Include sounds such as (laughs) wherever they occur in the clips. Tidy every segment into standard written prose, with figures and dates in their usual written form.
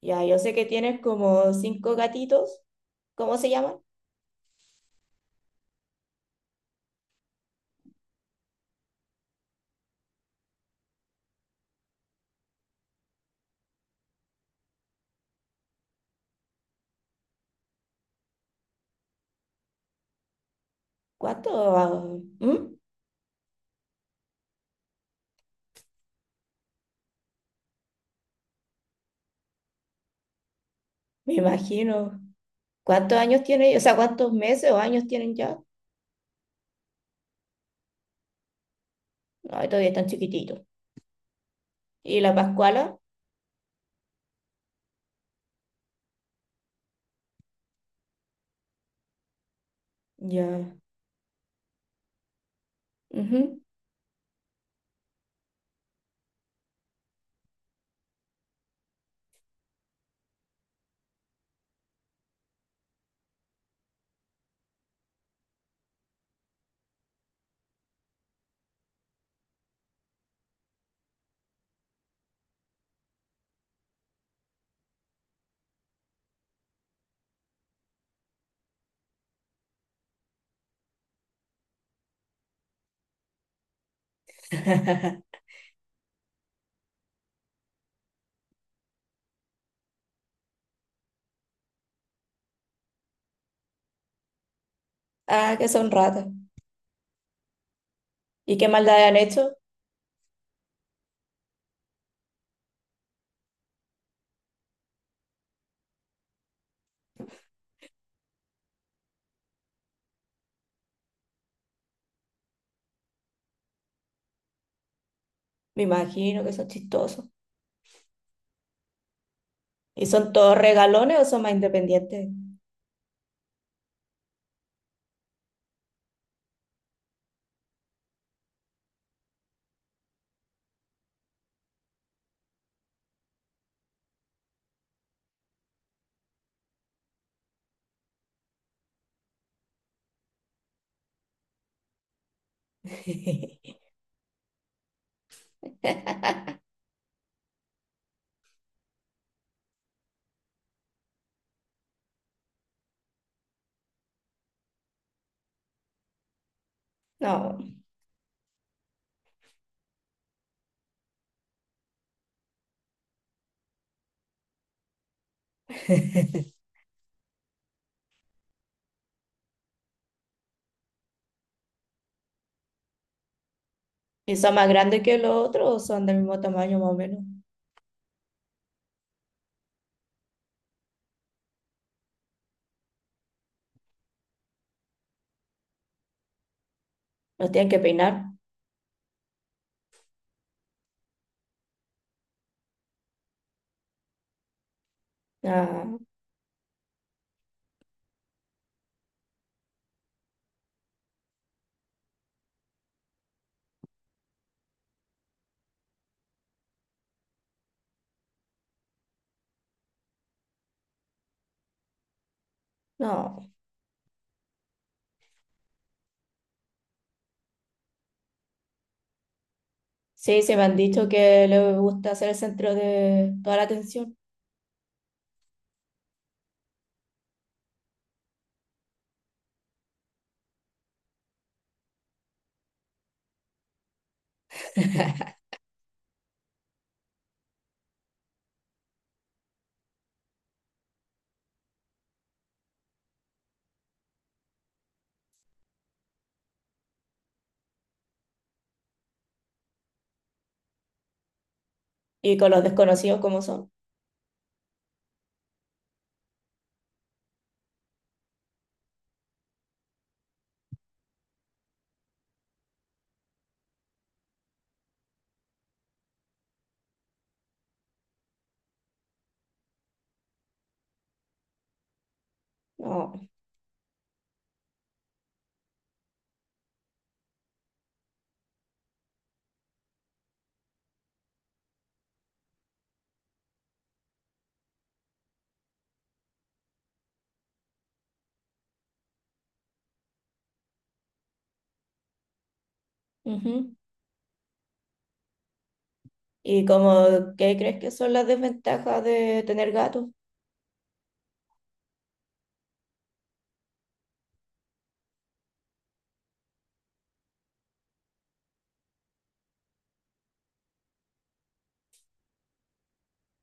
Ya, yo sé que tienes como cinco gatitos. ¿Cómo se llaman? ¿Cuántos? Ah, ¿mm? Me imagino. ¿Cuántos años tienen? O sea, ¿cuántos meses o años tienen ya? Ay, todavía están chiquititos. ¿Y la Pascuala? Ya, ujú. (laughs) Ah, que son ratas. ¿Y qué maldad han hecho? Me imagino que son chistosos. ¿Y son todos regalones o son más independientes? (laughs) No. ¿Y son más grandes que los otros o son del mismo tamaño más o menos? ¿Los tienen que peinar? Ah, no. Sí, se me han dicho que le gusta ser el centro de toda la atención y con los desconocidos como son. No. Ujú. ¿Y como qué crees que son las desventajas de tener gatos?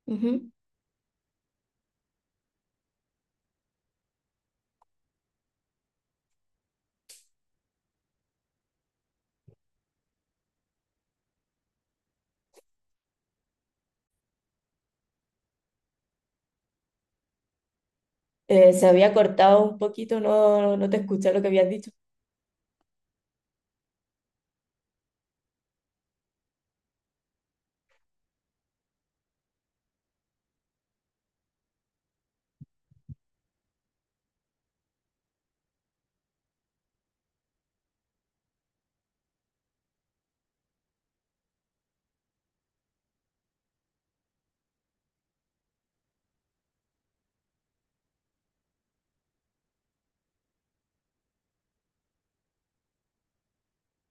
Ujú. Se había cortado un poquito, no, no te escuché lo que habías dicho.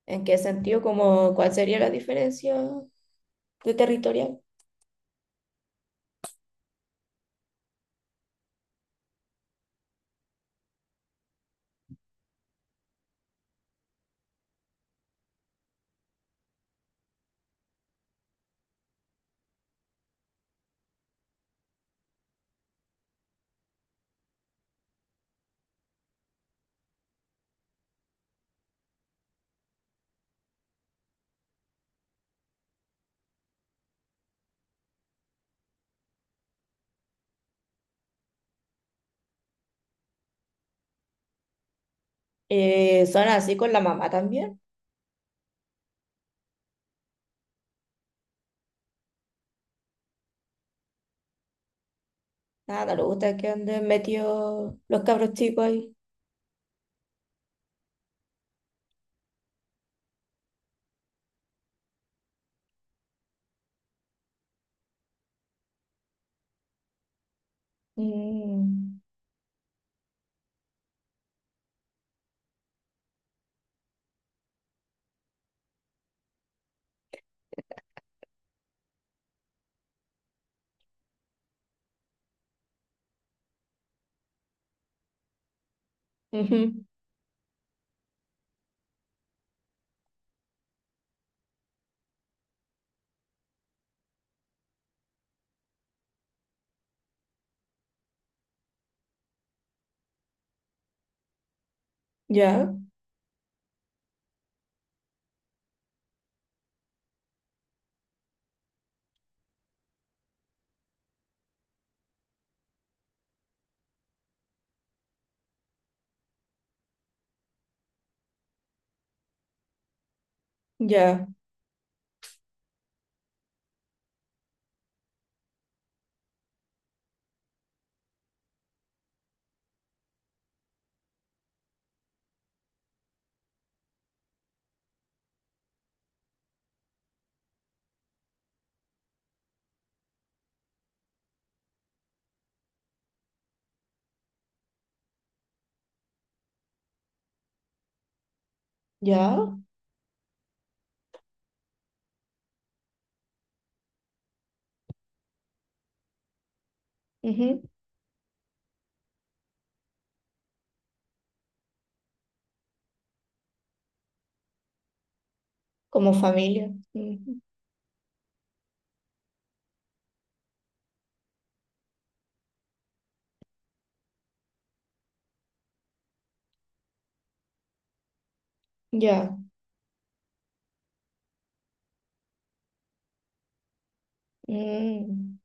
¿En qué sentido? Como, ¿cuál sería la diferencia de territorial? ¿Eh, son así con la mamá también? Nada, le gusta que anden metidos los cabros chicos ahí. Mm. Ujú. Ya, ya, ya. Ujú, como familia. Ujú, ya. Mm,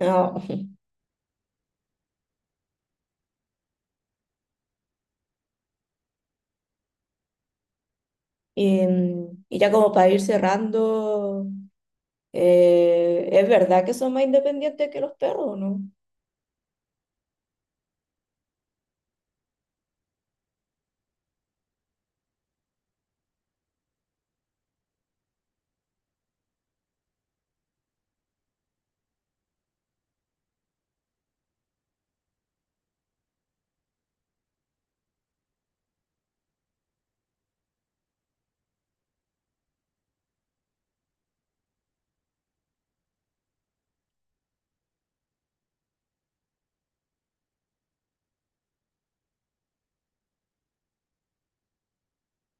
no. (laughs) Y, mm, y ya como para ir cerrando, ¿es verdad que son más independientes que los perros o no?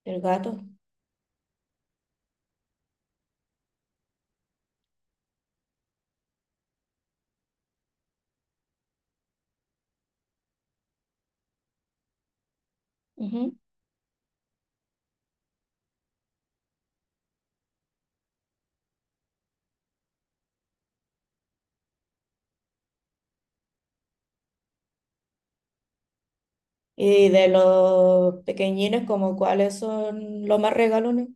El gato. Ujú. Y de los pequeñines, como cuáles son los más regalones.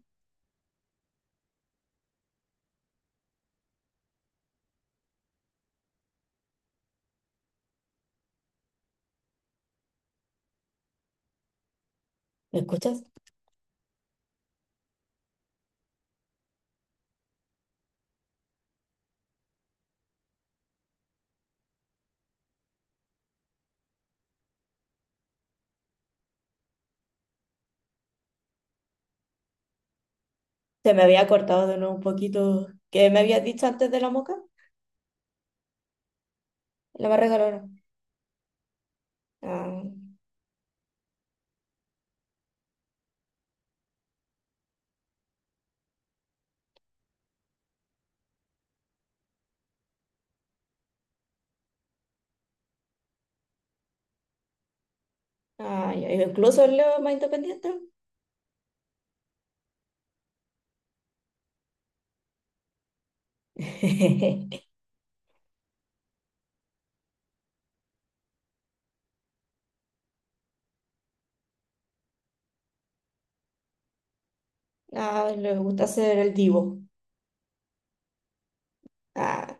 ¿Me escuchas? Se me había cortado de nuevo un poquito. ¿Qué me habías dicho antes de la moca? La más regalona. Ah, ah, ya. Incluso el Leo es más independiente. (laughs) Ah, le gusta ser el divo. Ah,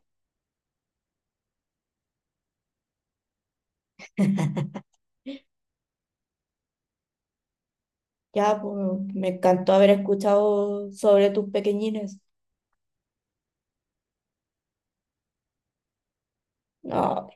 ya, pues me encantó haber escuchado sobre tus pequeñines. No.